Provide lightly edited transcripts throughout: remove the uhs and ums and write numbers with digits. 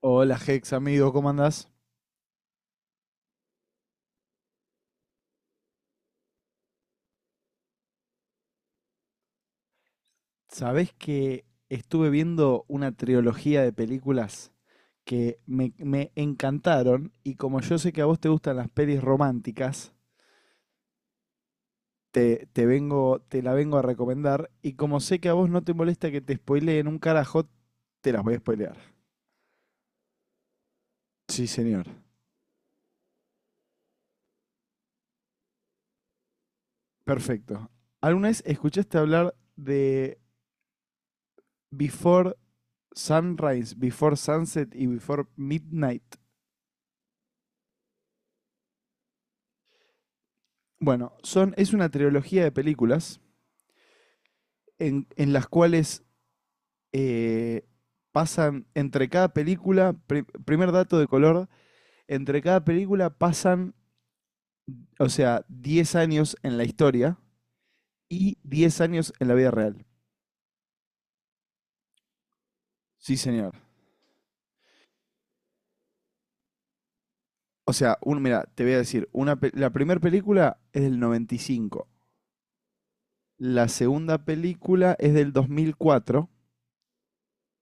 Hola Hex, amigo, ¿cómo andás? ¿Sabés que estuve viendo una trilogía de películas que me encantaron y como yo sé que a vos te gustan las pelis románticas, te la vengo a recomendar y como sé que a vos no te molesta que te spoileen un carajo, te las voy a spoilear. Sí, señor. Perfecto. ¿Alguna vez escuchaste hablar de Before Sunrise, Before Sunset y Before Midnight? Bueno, es una trilogía de películas en las cuales eh, pasan entre cada película, primer dato de color, entre cada película pasan, o sea, 10 años en la historia y 10 años en la vida real. Sí, señor. O sea, mira, te voy a decir, la primera película es del noventa y cinco. La segunda película es del 2004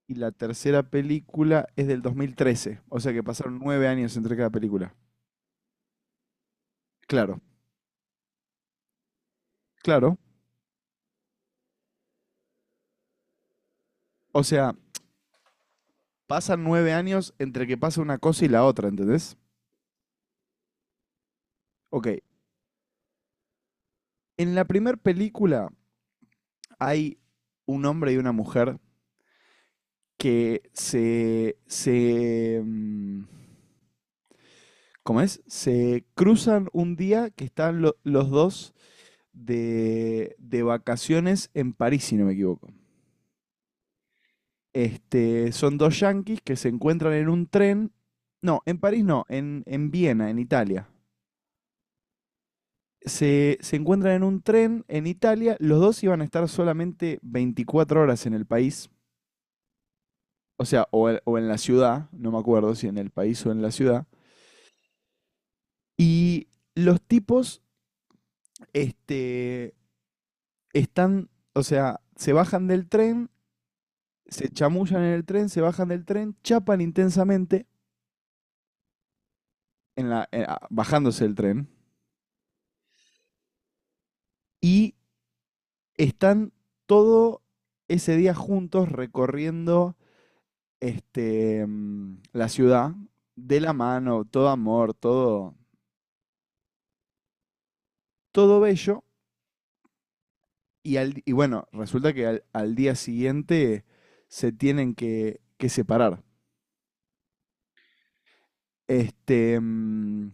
y la tercera película es del 2013. O sea que pasaron 9 años entre cada película. Claro, claro. O sea, pasan 9 años entre que pasa una cosa y la otra, ¿entendés? Ok, en la primera película hay un hombre y una mujer que se, ¿cómo es? Se cruzan un día que están los dos de vacaciones en París, si no me equivoco. Son dos yanquis que se encuentran en un tren. No, en París no, en Viena, en Italia. Se encuentran en un tren en Italia. Los dos iban a estar solamente 24 horas en el país, o sea, o en la ciudad, no me acuerdo si en el país o en la ciudad. Y los tipos este, están, o sea, se bajan del tren, se chamullan en el tren, se bajan del tren, chapan intensamente, bajándose del tren, y están todo ese día juntos recorriendo la ciudad de la mano, todo amor, todo bello. Y bueno, resulta que al día siguiente se tienen que separar. Este, mm,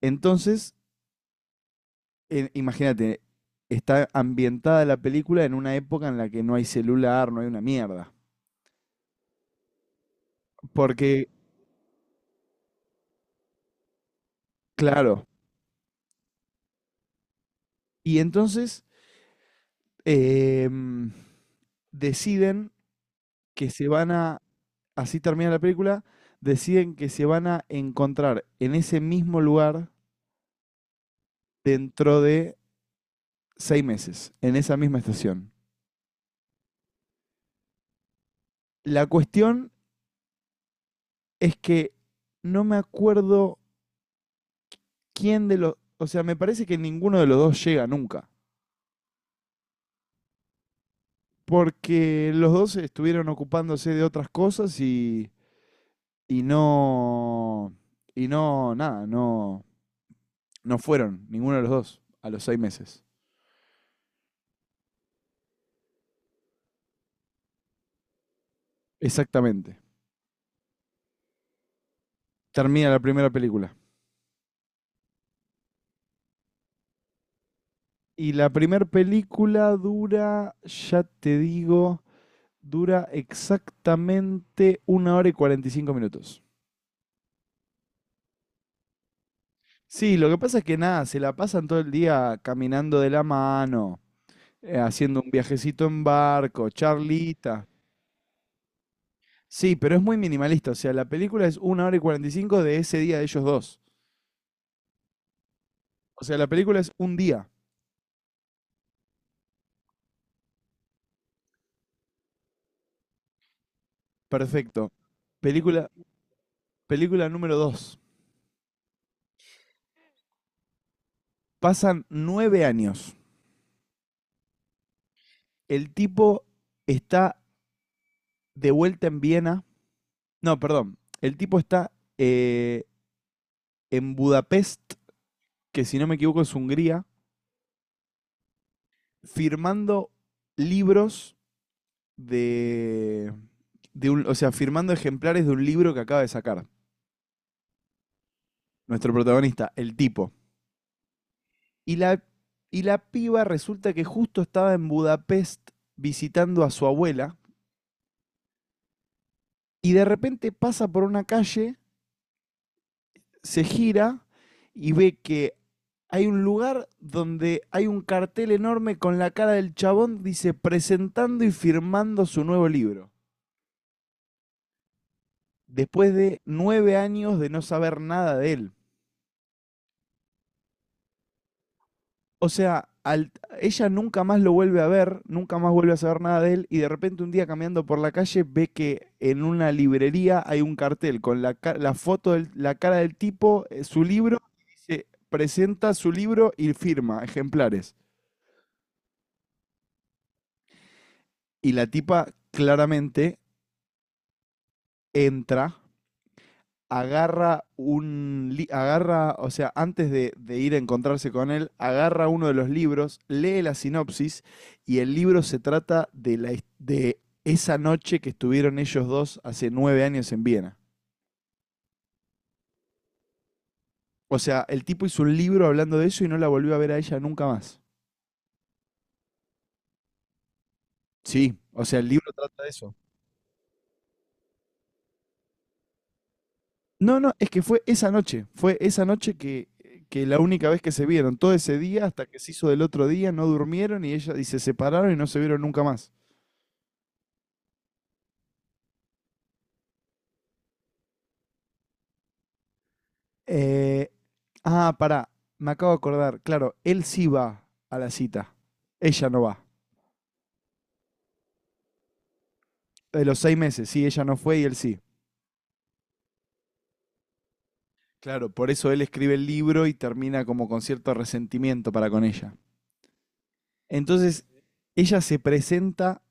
entonces, imagínate, está ambientada la película en una época en la que no hay celular, no hay una mierda. Porque, claro, y entonces em, deciden que se van a, así termina la película, deciden que se van a encontrar en ese mismo lugar dentro de 6 meses, en esa misma estación. La cuestión es que no me acuerdo O sea, me parece que ninguno de los dos llega nunca. Porque los dos estuvieron ocupándose de otras cosas y no. Y no, nada, no fueron ninguno de los dos a los 6 meses. Exactamente. Termina la primera película. Y la primera película dura, ya te digo, dura exactamente 1 hora y 45 minutos. Sí, lo que pasa es que nada, se la pasan todo el día caminando de la mano, haciendo un viajecito en barco, charlita. Sí, pero es muy minimalista, o sea, la película es 1 hora y 45 de ese día de ellos dos. O sea, la película es un día, perfecto. Película, película número dos. Pasan 9 años. El tipo está de vuelta en Viena. No, perdón. El tipo está eh, en Budapest, que si no me equivoco es Hungría, firmando libros de, o sea, firmando ejemplares de un libro que acaba de sacar. Nuestro protagonista, el tipo. Y la, y la piba resulta que justo estaba en Budapest visitando a su abuela, y de repente pasa por una calle, se gira y ve que hay un lugar donde hay un cartel enorme con la cara del chabón, dice, presentando y firmando su nuevo libro, después de 9 años de no saber nada de él. O sea, ella nunca más lo vuelve a ver, nunca más vuelve a saber nada de él, y de repente un día caminando por la calle ve que en una librería hay un cartel con la foto de la cara del tipo, su libro, y dice, presenta su libro y firma ejemplares. Y la tipa claramente entra, agarra, o sea, antes de ir a encontrarse con él, agarra uno de los libros, lee la sinopsis, y el libro se trata de esa noche que estuvieron ellos dos hace 9 años en Viena. O sea, el tipo hizo un libro hablando de eso y no la volvió a ver a ella nunca más. Sí, o sea, el libro trata de eso. No, no, es que fue esa noche, fue esa noche que la única vez que se vieron, todo ese día hasta que se hizo del otro día, no durmieron y ella y se separaron y no se vieron nunca más. Eh, pará, me acabo de acordar, claro, él sí va a la cita, ella no va. De los 6 meses, sí, ella no fue y él sí. Claro, por eso él escribe el libro y termina como con cierto resentimiento para con ella. Entonces, ella se presenta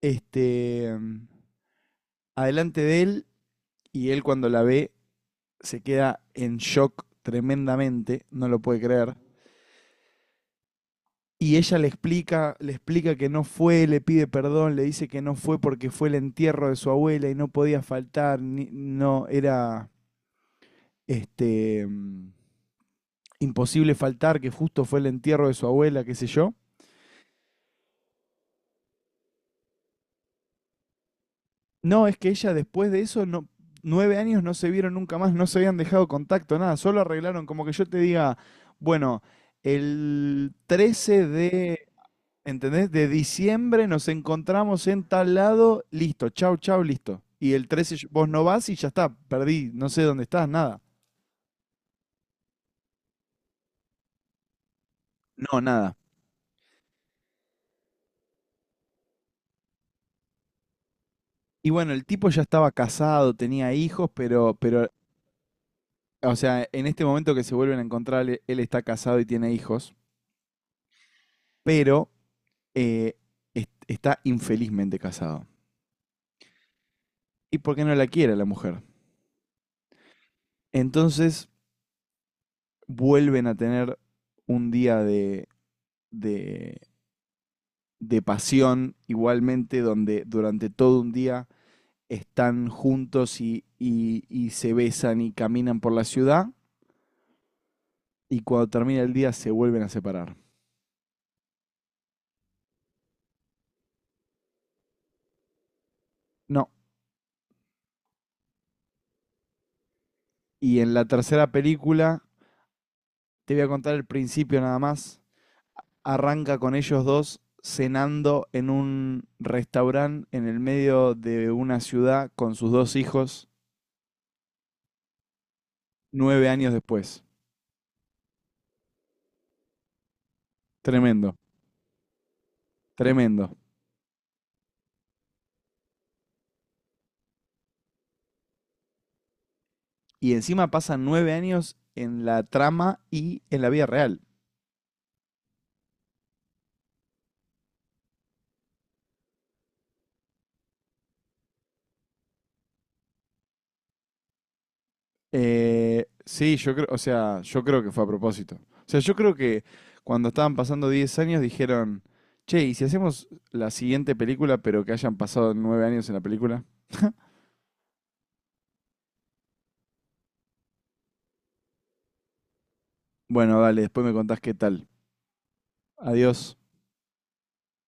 este, adelante de él, y él cuando la ve se queda en shock tremendamente, no lo puede creer. Y ella le explica que no fue, le pide perdón, le dice que no fue porque fue el entierro de su abuela y no podía faltar, no era este mm, imposible faltar, que justo fue el entierro de su abuela, qué sé yo. No, es que ella después de eso no, 9 años no se vieron nunca más, no se habían dejado contacto, nada, solo arreglaron como que yo te diga, bueno, el 13 de, ¿entendés?, de diciembre nos encontramos en tal lado, listo, chau, chau, listo. Y el 13 vos no vas y ya está, perdí, no sé dónde estás, nada. No, nada. Y bueno, el tipo ya estaba casado, tenía hijos, pero, o sea, en este momento que se vuelven a encontrar, él está casado y tiene hijos, pero eh, está infelizmente casado. ¿Y por qué no la quiere la mujer? Entonces vuelven a tener un día de de pasión igualmente, donde durante todo un día están juntos, y se besan y caminan por la ciudad, y cuando termina el día se vuelven a separar. No. Y en la tercera película, te voy a contar el principio nada más, arranca con ellos dos cenando en un restaurante en el medio de una ciudad con sus dos hijos 9 años después. Tremendo, tremendo. Y encima pasan 9 años en la trama y en la vida real. Sí, yo creo, o sea, yo creo que fue a propósito. O sea, yo creo que cuando estaban pasando 10 años dijeron, che, ¿y si hacemos la siguiente película pero que hayan pasado 9 años en la película? Bueno, dale, después me contás qué tal. Adiós.